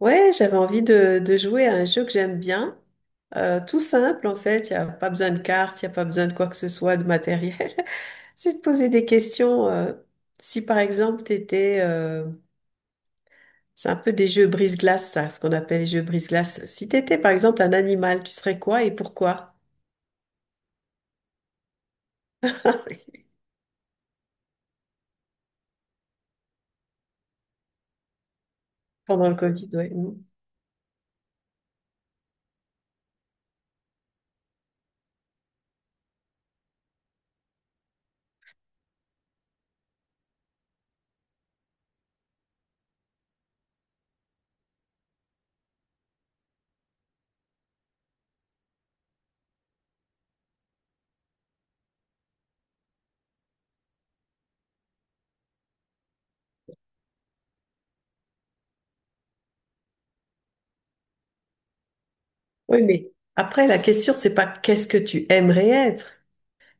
Ouais, j'avais envie de jouer à un jeu que j'aime bien. Tout simple, en fait. Il n'y a pas besoin de cartes, il n'y a pas besoin de quoi que ce soit, de matériel. C'est de poser des questions. Si, par exemple, tu étais. C'est un peu des jeux brise-glace, ça, ce qu'on appelle les jeux brise-glace. Si tu étais, par exemple, un animal, tu serais quoi et pourquoi? Pendant le Covid, ouais. Mm. Oui, mais après, la question, c'est pas qu'est-ce que tu aimerais être?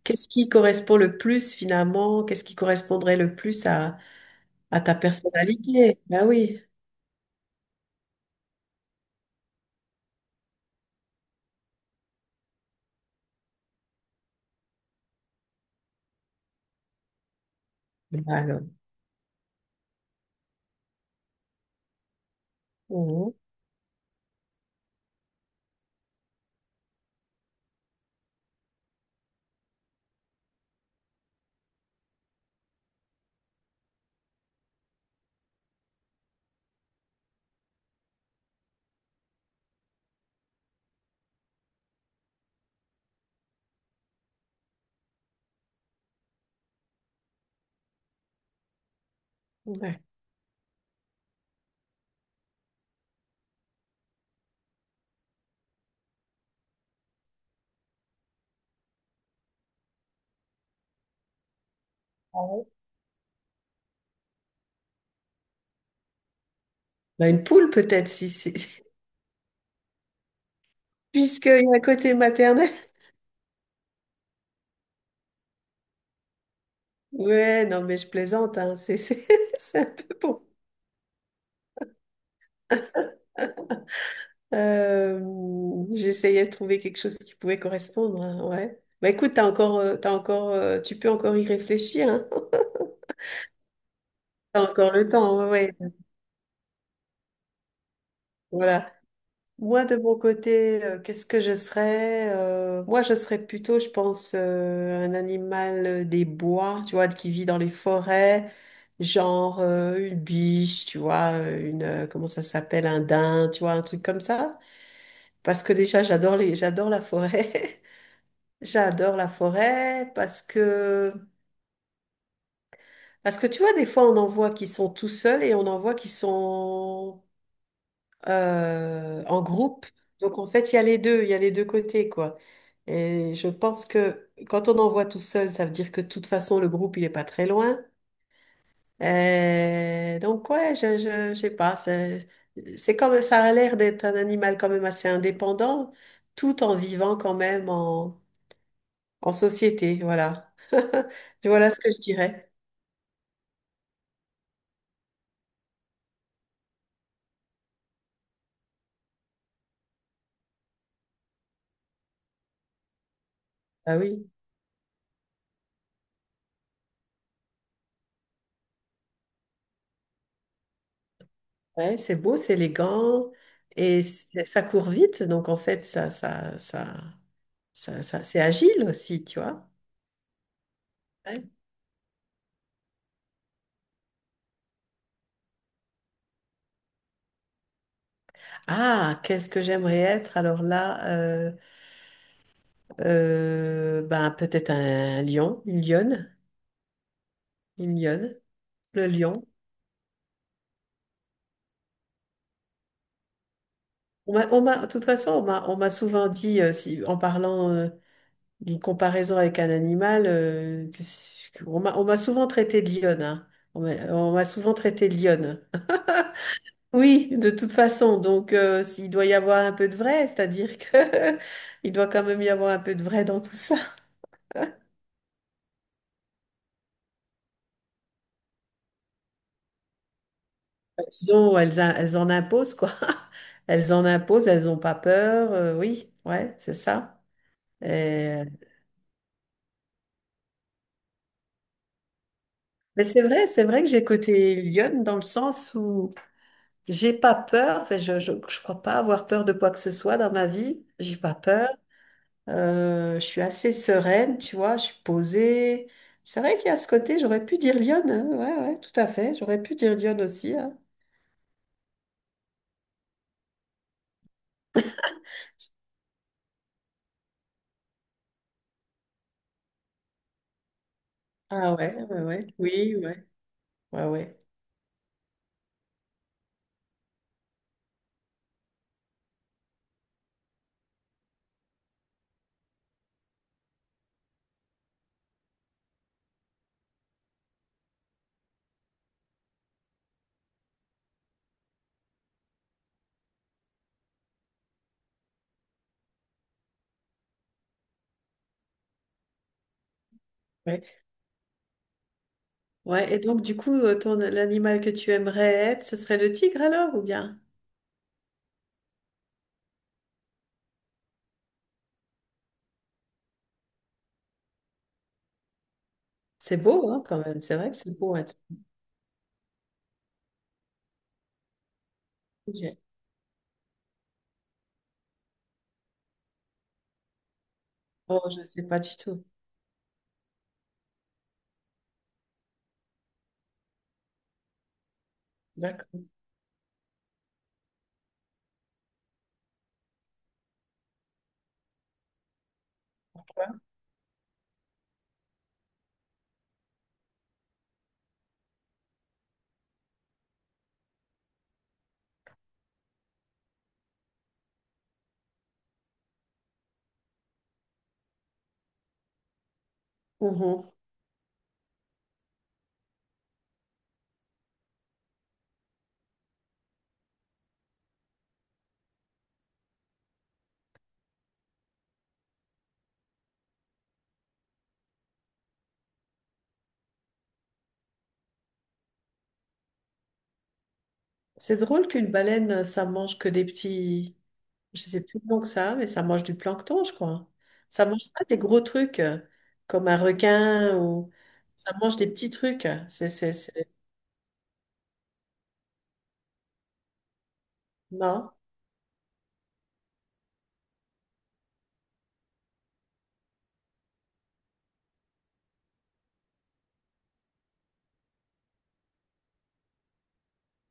Qu'est-ce qui correspond le plus, finalement? Qu'est-ce qui correspondrait le plus à ta personnalité, bah oui. Bah alors. Mhm. Ouais. Ouais. Bah une poule peut-être, si, si, puisqu'il y a un côté maternel. Ouais, non, mais je plaisante, hein. C'est un peu bon. J'essayais de trouver quelque chose qui pouvait correspondre, hein. Ouais. Bah écoute, tu peux encore y réfléchir, hein. T'as encore le temps, ouais. Ouais. Voilà. Moi, de mon côté, qu'est-ce que je serais? Moi, je serais plutôt, je pense, un animal des bois, tu vois, qui vit dans les forêts, genre une biche, tu vois, comment ça s'appelle, un daim, tu vois, un truc comme ça. Parce que déjà, j'adore la forêt. J'adore la forêt parce que tu vois, des fois, on en voit qui sont tout seuls et on en voit qui sont en groupe. Donc, en fait, il y a les deux côtés, quoi. Et je pense que quand on envoie tout seul, ça veut dire que de toute façon, le groupe, il est pas très loin. Donc, ouais, je sais pas. C'est comme ça a l'air d'être un animal quand même assez indépendant, tout en vivant quand même en société. Voilà. Voilà ce que je dirais. Ah oui, ouais, c'est beau, c'est élégant et ça court vite. Donc, en fait, c'est agile aussi, tu vois. Ouais. Ah, qu'est-ce que j'aimerais être? Alors là, ben, peut-être un lion, une lionne, le lion. De toute façon, on m'a souvent dit, si, en parlant d'une comparaison avec un animal, que on m'a souvent traité de lionne, hein. On m'a souvent traité de lionne. Oui, de toute façon. Donc, s'il doit y avoir un peu de vrai, c'est-à-dire que il doit quand même y avoir un peu de vrai dans tout ça. Elles en imposent, quoi. Elles en imposent, elles n'ont pas peur. Oui, ouais, c'est ça. Et- Mais c'est vrai que j'ai côté lionne dans le sens où j'ai pas peur. Enfin, je crois pas avoir peur de quoi que ce soit dans ma vie. J'ai pas peur. Je suis assez sereine, tu vois. Je suis posée. C'est vrai qu'il y a ce côté, j'aurais pu dire lionne, hein. Ouais, ouais, tout à fait. J'aurais pu dire lionne aussi, hein. Ah ouais, ouais, ouais. Oui, ouais, ouais, ouais. Ouais. Ouais, et donc du coup, ton l'animal que tu aimerais être, ce serait le tigre alors ou bien? C'est beau, hein, quand même. C'est vrai que c'est beau être. Sujet. Oh, je sais pas du tout. D'accord. Pourquoi. Mhm. C'est drôle qu'une baleine, ça mange que des petits. Je sais plus long que ça, mais ça mange du plancton, je crois. Ça mange pas des gros trucs comme un requin ou ça mange des petits trucs. C'est. Non.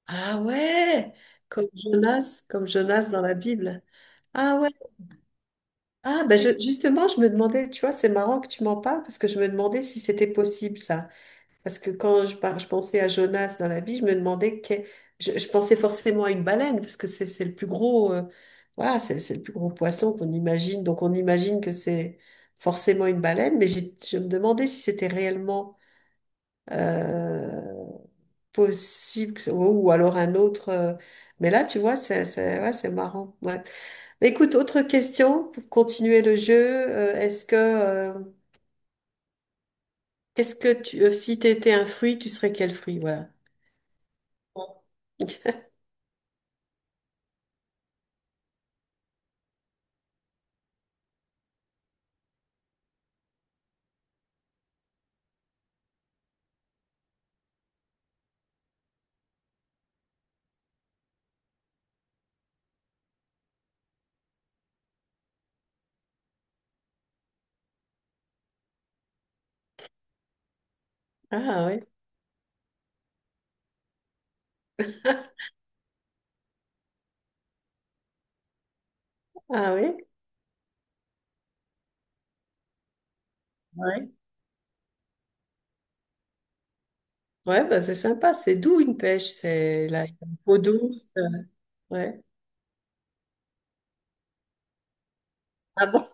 Ah ouais, comme Jonas dans la Bible. Ah ouais. Ah, ben justement, je me demandais, tu vois, c'est marrant que tu m'en parles parce que je me demandais si c'était possible ça. Parce que quand je pensais à Jonas dans la vie, je me demandais, que, je pensais forcément à une baleine parce que c'est le plus gros, voilà, c'est le plus gros poisson qu'on imagine. Donc on imagine que c'est forcément une baleine, mais je me demandais si c'était réellement euh, possible, ou alors un autre. Mais là, tu vois, ouais, c'est marrant. Ouais. Mais écoute, autre question pour continuer le jeu. Si tu étais un fruit, tu serais quel fruit? Voilà. Ah oui, ah oui. Ouais. Ouais, bah, c'est sympa. C'est doux une pêche. C'est là, il y a une peau douce. Ouais. Ah bon?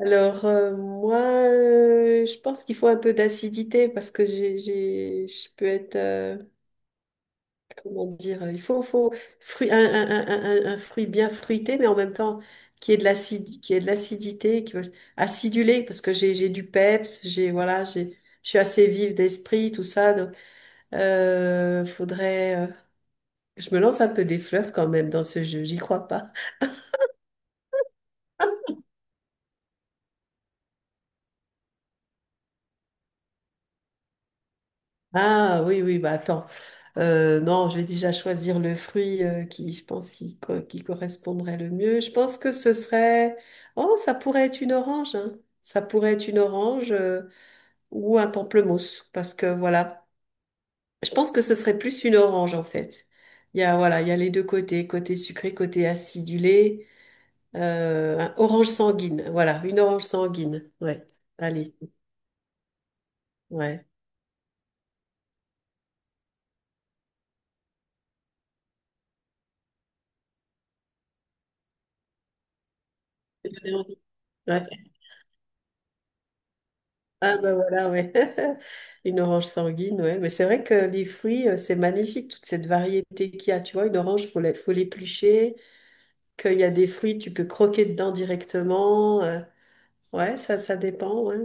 Alors, moi, je pense qu'il faut un peu d'acidité parce que je peux être. Comment dire, il faut, faut fruit, un, un fruit bien fruité, mais en même temps qui est de l'acidité, qui acidulé, parce que j'ai du peps, j'ai voilà, j'ai, je suis assez vive d'esprit, tout ça. Donc, faudrait, je me lance un peu des fleurs quand même dans ce jeu, j'y crois pas. Ah oui, oui, bah attends. Non, je vais déjà choisir le fruit qui, je pense, qui correspondrait le mieux. Je pense que ce serait, oh, ça pourrait être une orange, hein. Ça pourrait être une orange. Ou un pamplemousse parce que voilà, je pense que ce serait plus une orange en fait. Il y a Voilà, il y a les deux côtés, côté sucré, côté acidulé, un orange sanguine, voilà, une orange sanguine. Ouais. Allez, ouais. J'en ai envie. Ouais. Ah ben voilà, ouais. Une orange sanguine, ouais. Mais c'est vrai que les fruits, c'est magnifique, toute cette variété qu'il y a. Tu vois, une orange, faut l'éplucher, qu'il y a des fruits, tu peux croquer dedans directement. Ouais, ça dépend, ouais.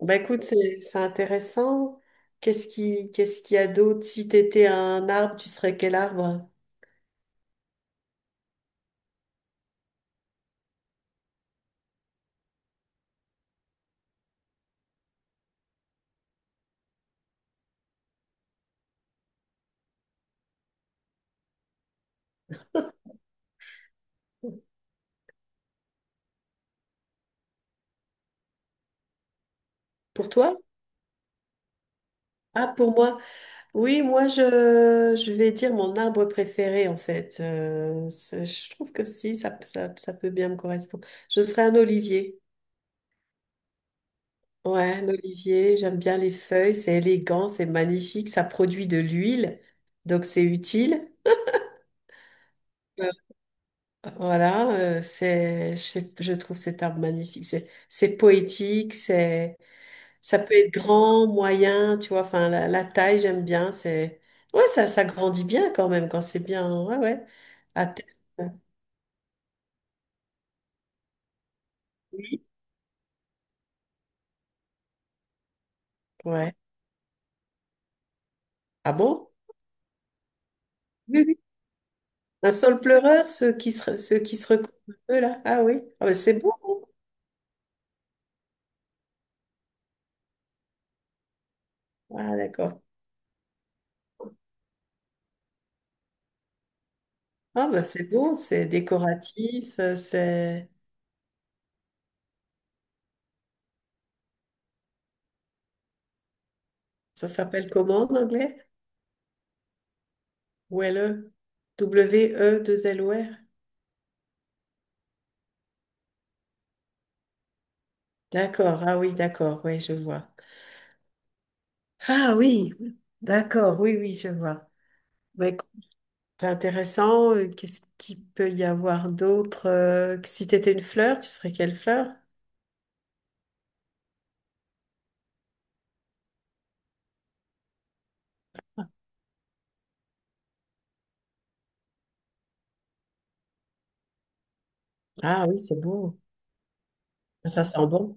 Bah écoute, c'est intéressant. Qu'est-ce qu'il y a d'autre? Si t'étais un arbre, tu serais quel arbre? Pour toi? Ah, pour moi. Oui, moi je vais dire mon arbre préféré en fait. Je trouve que si, ça peut bien me correspondre. Je serais un olivier. Ouais, un olivier, j'aime bien les feuilles, c'est élégant, c'est magnifique, ça produit de l'huile, donc c'est utile. Ouais. Voilà, je trouve cet arbre magnifique. C'est poétique, c'est. Ça peut être grand, moyen, tu vois, enfin la taille, j'aime bien, c'est ouais, ça grandit bien quand même quand c'est bien. Ouais, ouais. À terme, oui. Ouais. Ah bon? Oui, oui. Un sol pleureur, ceux qui se recouvrent un peu là. Ah oui. Ah ben, c'est beau. Ah d'accord. Ah ben c'est beau, c'est décoratif, c'est ça s'appelle comment en anglais? Welle. W E 2 L O R. D'accord. Ah oui, d'accord. Oui, je vois. Ah oui. D'accord. Oui, oui, je vois. Ouais, c'est intéressant. Qu'est-ce qu'il peut y avoir d'autre? Que si tu étais une fleur, tu serais quelle fleur? Ah oui, c'est beau. Ça sent bon.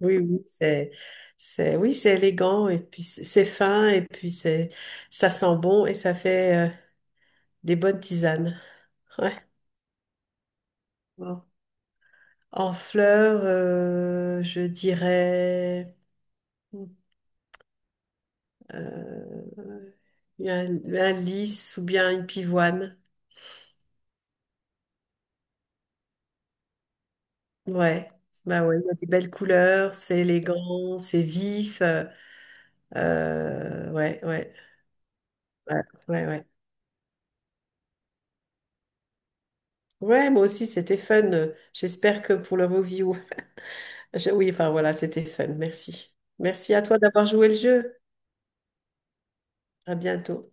Oui, oui, oui, c'est élégant et puis c'est fin et puis c'est, ça sent bon et ça fait des bonnes tisanes. Ouais. Bon. En fleur, je dirais euh, un lys ou bien une pivoine. Ouais, bah ouais, il y a des belles couleurs, c'est élégant, c'est vif. Ouais, ouais, ouais, ouais, ouais. Ouais, moi aussi, c'était fun. J'espère que pour le review. Oui, enfin voilà, c'était fun. Merci. Merci à toi d'avoir joué le jeu. À bientôt.